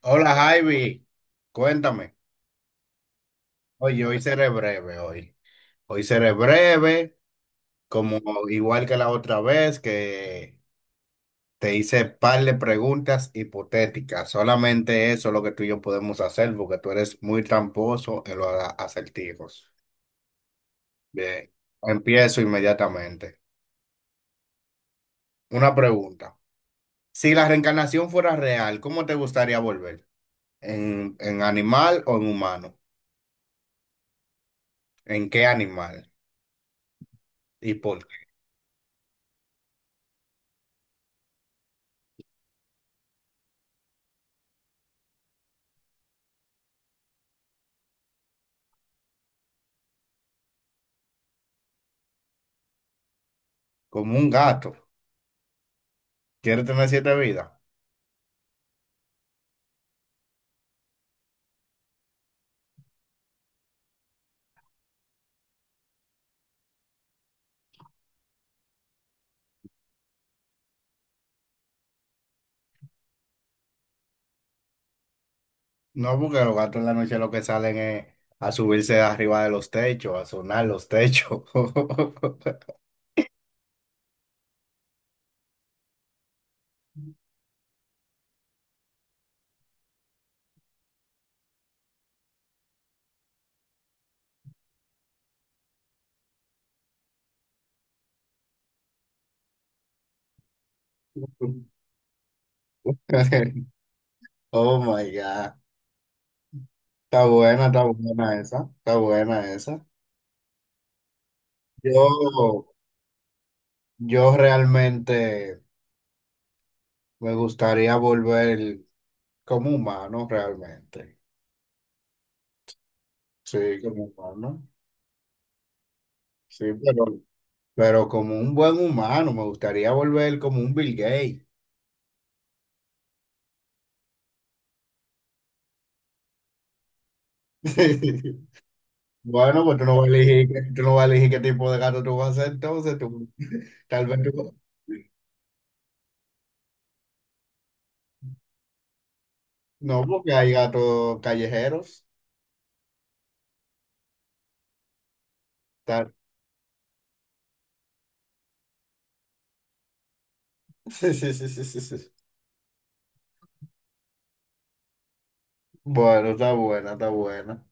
Hola Javi, cuéntame. Oye, hoy seré breve, como igual que la otra vez que te hice par de preguntas hipotéticas. Solamente eso es lo que tú y yo podemos hacer porque tú eres muy tramposo en los acertijos. Bien, empiezo inmediatamente. Una pregunta. Si la reencarnación fuera real, ¿cómo te gustaría volver? ¿En animal o en humano? ¿En qué animal? ¿Y por qué? Como un gato. ¿Quieres tener siete vidas? No, porque los gatos en la noche lo que salen es a subirse arriba de los techos, a sonar los techos. Oh my God. Está buena esa. Está buena esa. Yo, yo realmente me gustaría volver como humano, realmente. Sí, como humano. Sí, pero como un buen humano, me gustaría volver como un Bill Gates. Bueno, pues tú no vas a elegir, qué tipo de gato tú vas a ser, entonces tú, tal vez tú, no, porque hay gatos callejeros, tal. Sí, sí, sí, sí, sí, sí. Bueno, está buena, está buena.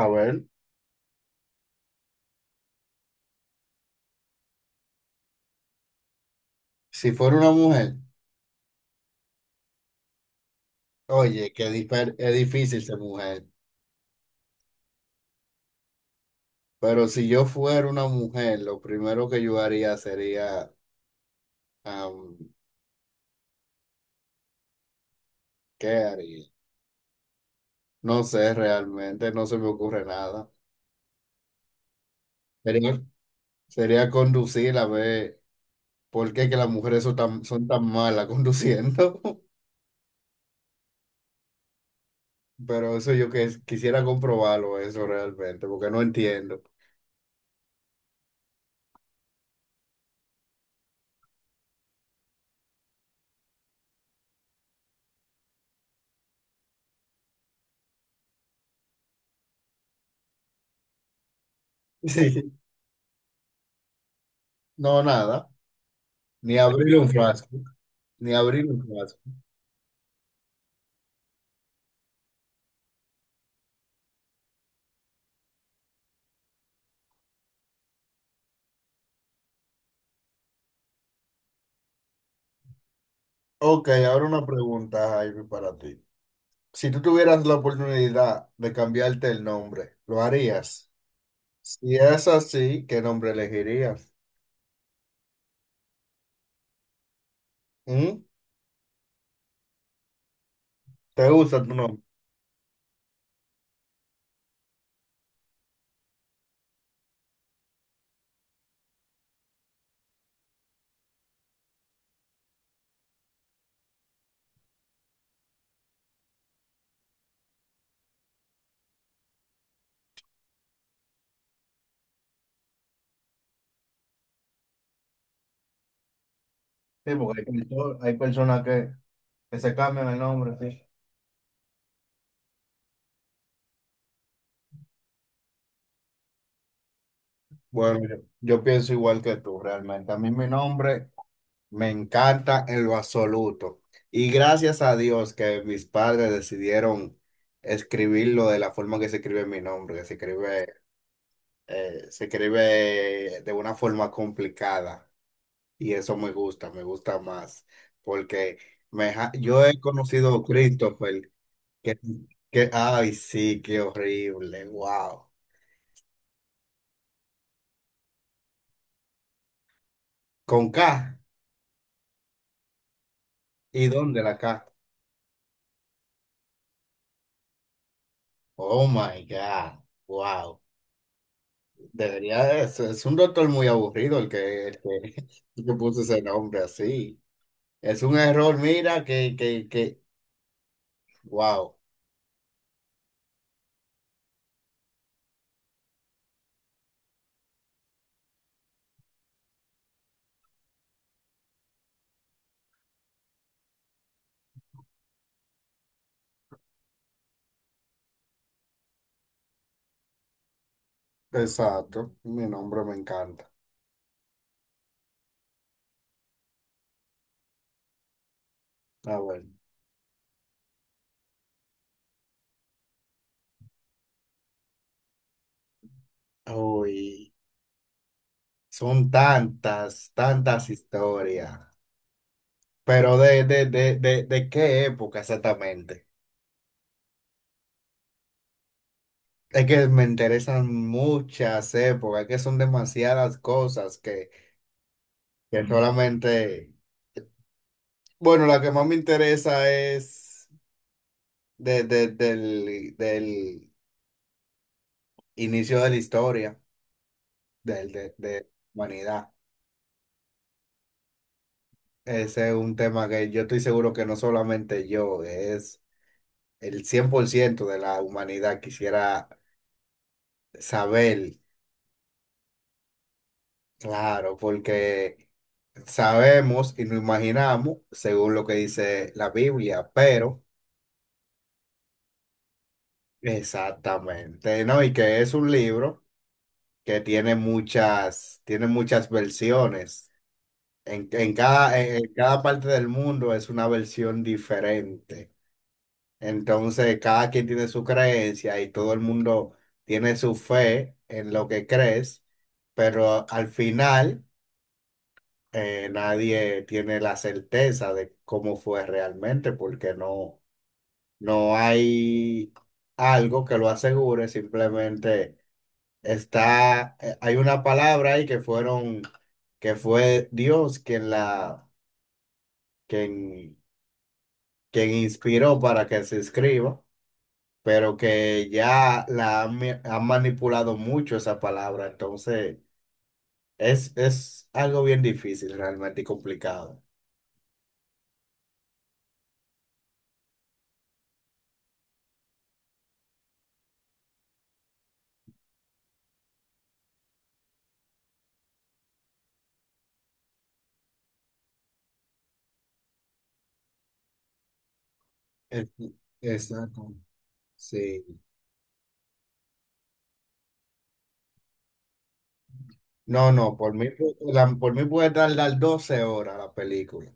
A ver, si fuera una mujer, oye, es difícil ser mujer, pero si yo fuera una mujer, lo primero que yo haría sería, am, ¿qué haría? No sé realmente, no se me ocurre nada. Sería, sería conducir a ver. ¿Por qué que las mujeres son tan malas conduciendo? Pero eso yo que quisiera comprobarlo, eso realmente, porque no entiendo. Sí. No, nada, ni abrir un frasco, ni abrir un frasco. Ok, ahora una pregunta, Jaime, para ti. Si tú tuvieras la oportunidad de cambiarte el nombre, ¿lo harías? Si es así, ¿qué nombre elegirías? ¿Mm? ¿Te gusta tu nombre? Sí, porque hay personas que se cambian el nombre, sí. Bueno, yo pienso igual que tú realmente. A mí mi nombre me encanta en lo absoluto. Y gracias a Dios que mis padres decidieron escribirlo de la forma que se escribe mi nombre, que se escribe de una forma complicada. Y eso me gusta más. Porque yo he conocido a Christopher, que, ay, sí, qué horrible, wow. Con K. ¿Y dónde la K? Oh my God. Wow. Debería, es un doctor muy aburrido el que puso ese nombre así. Es un error, mira. Que, que. Wow. Exacto. Mi nombre me encanta. Ah, bueno. Uy. Son tantas, tantas historias. Pero de qué época exactamente. Es que me interesan muchas épocas, es que son demasiadas cosas que, solamente. Bueno, la que más me interesa es del inicio de la historia, de humanidad. Ese es un tema que yo estoy seguro que no solamente yo, es el 100% de la humanidad quisiera saber, claro, porque sabemos y nos imaginamos según lo que dice la Biblia, pero exactamente, ¿no? Y que es un libro que tiene muchas versiones. En cada parte del mundo es una versión diferente. Entonces, cada quien tiene su creencia y todo el mundo tiene su fe en lo que crees, pero al final nadie tiene la certeza de cómo fue realmente, porque no hay algo que lo asegure, simplemente está, hay una palabra ahí que fue Dios quien quien quien inspiró para que se escriba, pero que ya la han manipulado mucho esa palabra, entonces es algo bien difícil realmente y complicado. Es- Exacto. Sí. No, no, por mí puede tardar 12 horas la película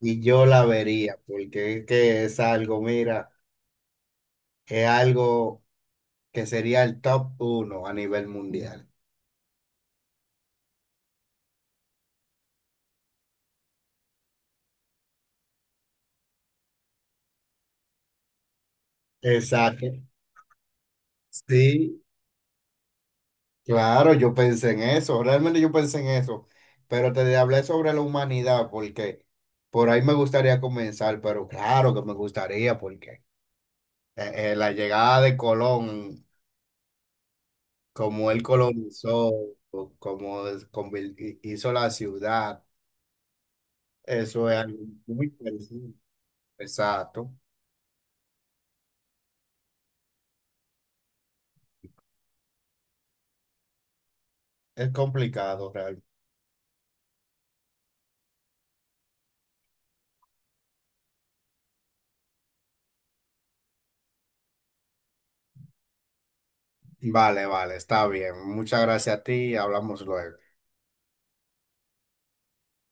y yo la vería, porque es que es algo, mira, es algo que sería el top uno a nivel mundial. Exacto. Sí, claro, yo pensé en eso, realmente yo pensé en eso, pero te hablé sobre la humanidad porque por ahí me gustaría comenzar, pero claro que me gustaría porque la llegada de Colón, como él colonizó, o como hizo la ciudad, eso es algo muy interesante. Exacto, es complicado realmente. Vale, vale, está bien. Muchas gracias a ti, hablamos luego.